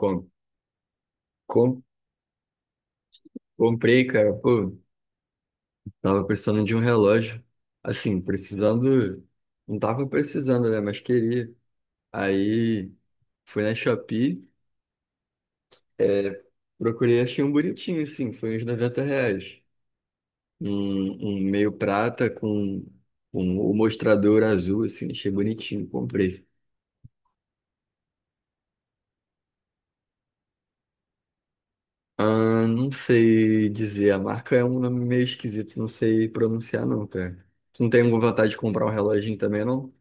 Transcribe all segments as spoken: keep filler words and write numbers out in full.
Com, com, comprei, cara, pô, tava precisando de um relógio. Assim, precisando, não tava precisando, né, mas queria. Aí fui na Shopee, é, procurei, achei um bonitinho, assim, foi uns noventa reais. Um, um meio prata com um, o mostrador azul, assim, achei bonitinho, comprei. Ah, não sei dizer, a marca é um nome meio esquisito, não sei pronunciar não, cara. Tu não tem vontade de comprar um reloginho também, não?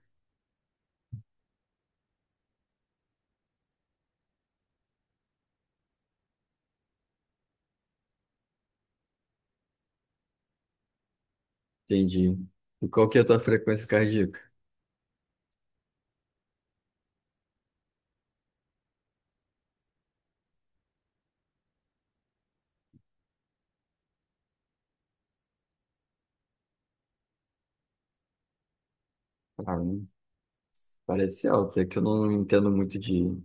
Entendi. E qual que é a tua frequência cardíaca? Ah, não- parece alta, é que eu não entendo muito de, não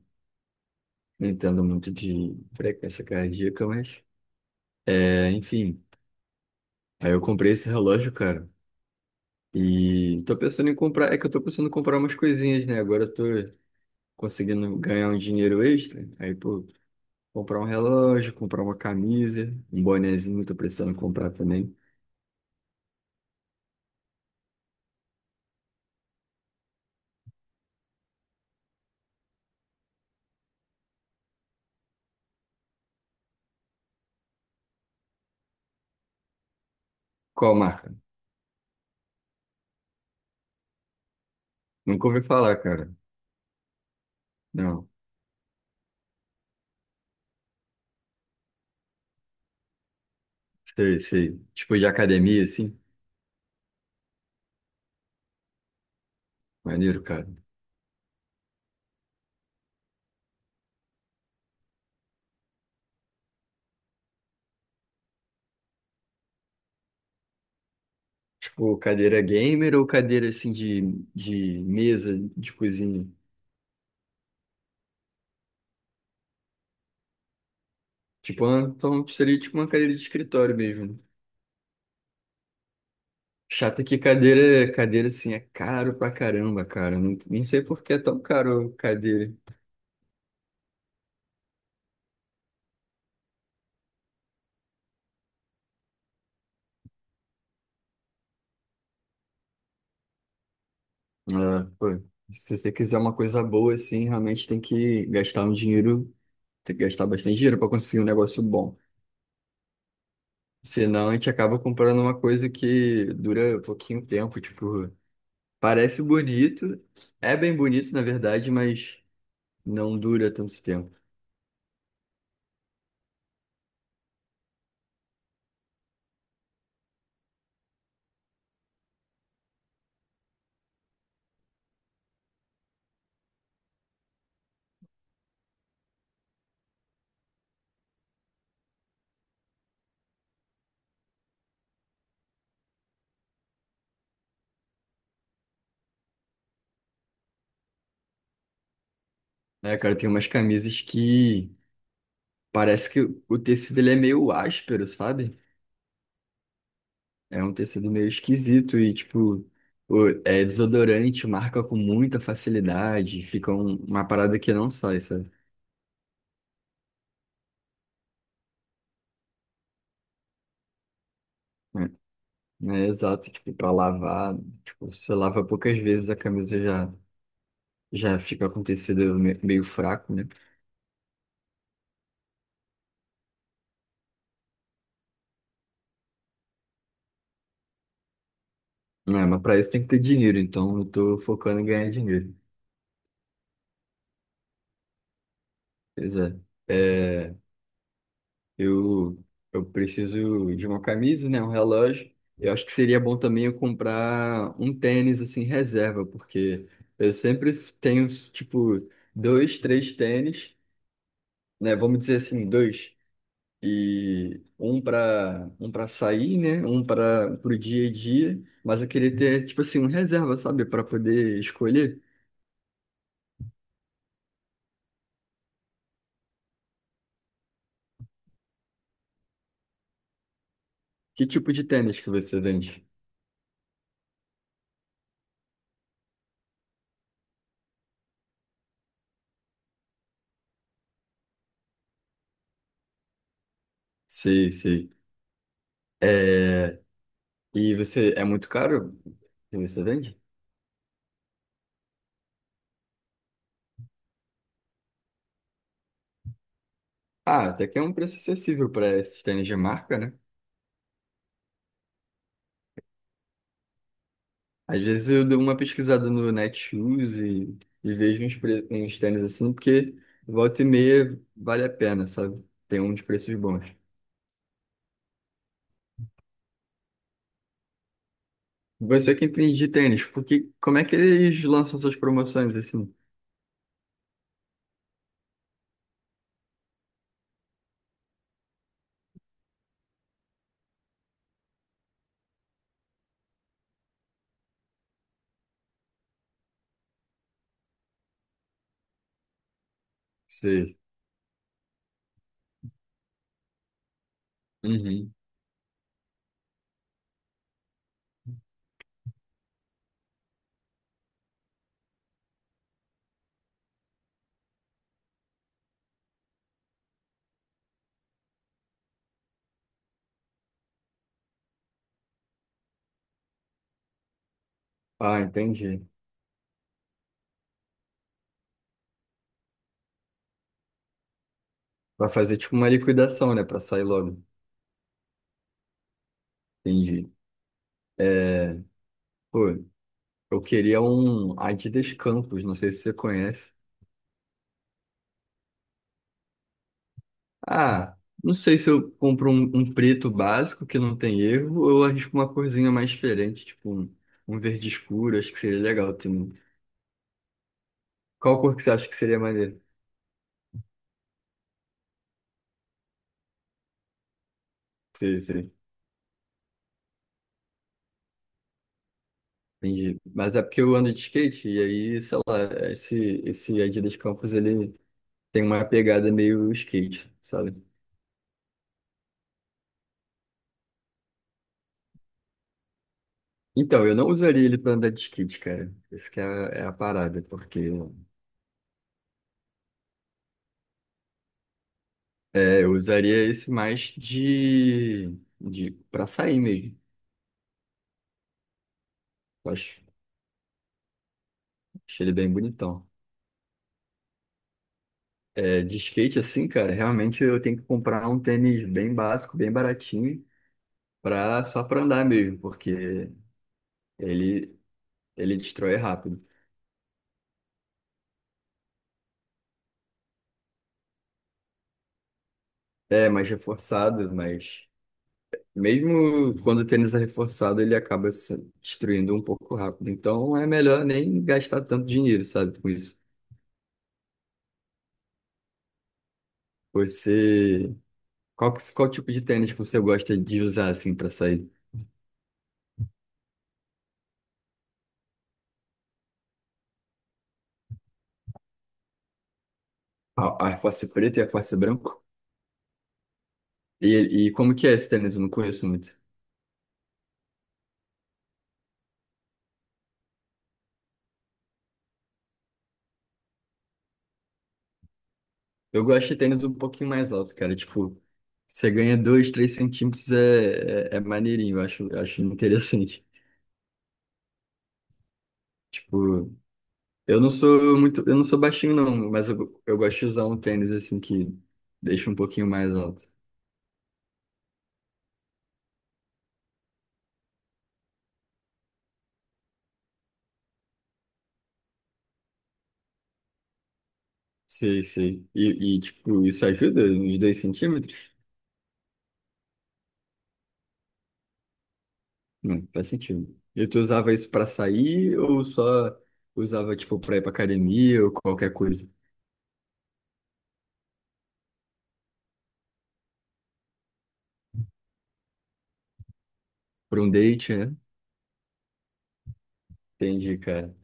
entendo muito de frequência cardíaca, mas é, enfim. Aí eu comprei esse relógio, cara. E tô pensando em comprar, é que eu tô pensando em comprar umas coisinhas, né? Agora eu tô conseguindo ganhar um dinheiro extra. Aí, pô, comprar um relógio, comprar uma camisa, um bonezinho, tô precisando comprar também. Qual marca? Nunca ouvi falar, cara. Não. Sei, sei. Tipo de academia, assim. Maneiro, cara. Tipo, cadeira gamer ou cadeira assim de, de mesa de cozinha? Tipo, uma- então seria tipo uma cadeira de escritório mesmo. Chato é que cadeira, cadeira assim é caro pra caramba, cara. Não, nem sei por que é tão caro cadeira. Ah, pô. Se você quiser uma coisa boa, assim, realmente tem que gastar um dinheiro, tem que gastar bastante dinheiro pra conseguir um negócio bom. Senão a gente acaba comprando uma coisa que dura pouquinho tempo, tipo, parece bonito, é bem bonito na verdade, mas não dura tanto tempo. É, cara, tem umas camisas que parece que o tecido ele é meio áspero, sabe? É um tecido meio esquisito e, tipo, o- é desodorante, marca com muita facilidade, fica um- uma parada que não sai, sabe? É, é exato, tipo, pra lavar, tipo, você lava poucas vezes a camisa já, já fica com tecido me- meio fraco, né? É, mas pra isso tem que ter dinheiro, então eu tô focando em ganhar dinheiro. Pois é. É, Eu, eu preciso de uma camisa, né? Um relógio. Eu acho que seria bom também eu comprar um tênis, assim, reserva, porque eu sempre tenho, tipo, dois, três tênis, né? Vamos dizer assim, dois. E um para um para sair, né? Um para o dia a dia. Mas eu queria ter, tipo assim, um reserva, sabe? Para poder escolher que tipo de tênis que você vende. Sei, sei. É... E você, é muito caro que você vende? Ah, até que é um preço acessível para esses tênis de marca, né? Às vezes eu dou uma pesquisada no Netshoes e, e vejo uns, pre- uns tênis assim, porque volta e meia vale a pena, sabe? Tem uns preços bons. Você que entende de tênis, porque como é que eles lançam essas promoções assim? Sei. Uhum. Ah, entendi. Vai fazer tipo uma liquidação, né? Pra sair logo. Entendi. Pô, eu queria um Adidas Campos, não sei se você conhece. Ah, não sei se eu compro um, um preto básico que não tem erro, ou eu arrisco uma corzinha mais diferente, tipo um, um verde escuro, acho que seria legal também. Qual cor que você acha que seria maneiro? Sei, sei. Entendi. Mas é porque eu ando de skate, e aí, sei lá, esse, esse Adidas Campos, ele tem uma pegada meio skate, sabe? Então, eu não usaria ele pra andar de skate, cara. Essa que é a, é a parada, porque é, eu usaria esse mais de, de, para sair mesmo, acho. Achei ele bem bonitão. É, de skate assim, cara, realmente eu tenho que comprar um tênis bem básico, bem baratinho, pra, só pra andar mesmo, porque ele, ele destrói rápido. É, mais reforçado, mas mesmo quando o tênis é reforçado, ele acaba se destruindo um pouco rápido. Então é melhor nem gastar tanto dinheiro, sabe, com isso. Você. Qual, que- qual tipo de tênis que você gosta de usar assim pra sair? A, a Air Force preta e a Air Force branco? E, e como que é esse tênis? Eu não conheço muito. Eu gosto de tênis um pouquinho mais alto, cara. Tipo, você ganha dois, três centímetros é, é, é maneirinho, eu acho, eu acho interessante. Tipo, eu não sou muito, eu não sou baixinho não, mas eu, eu gosto de usar um tênis assim que deixa um pouquinho mais alto. Sei, sei. E, e, tipo, isso ajuda uns dois centímetros? Não, faz sentido. E tu usava isso pra sair ou só usava, tipo, pra ir pra academia ou qualquer coisa? Pra um date, né? Entendi, cara.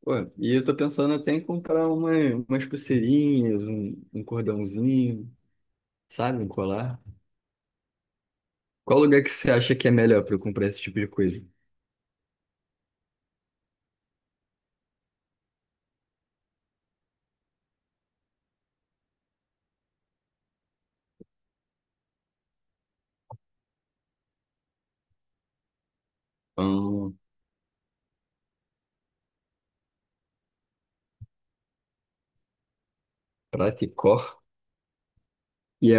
Pô, e eu tô pensando até em comprar uma, umas pulseirinhas, um, um cordãozinho, sabe? Um colar. Qual lugar que você acha que é melhor pra eu comprar esse tipo de coisa? Hum, Prata e Cor? E é,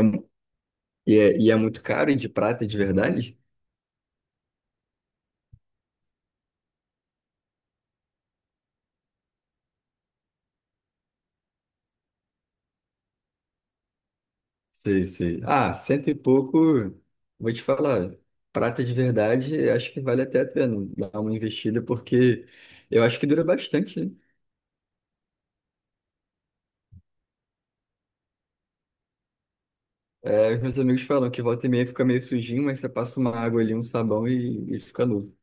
e é, e é muito caro e de prata de verdade? Sei, sei. Ah, cento e pouco, vou te falar. Prata de verdade, acho que vale até a pena dar uma investida, porque eu acho que dura bastante, né? É, os meus amigos falam que volta e meia fica meio sujinho, mas você passa uma água ali, um sabão e, e fica novo.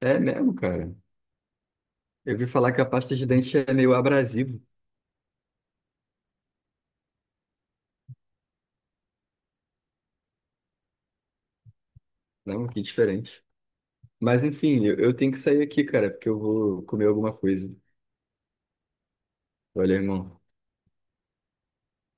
É mesmo, cara. Eu vi falar que a pasta de dente é meio abrasivo. Não, que diferente. Mas enfim, eu, eu tenho que sair aqui, cara, porque eu vou comer alguma coisa. Valeu, irmão.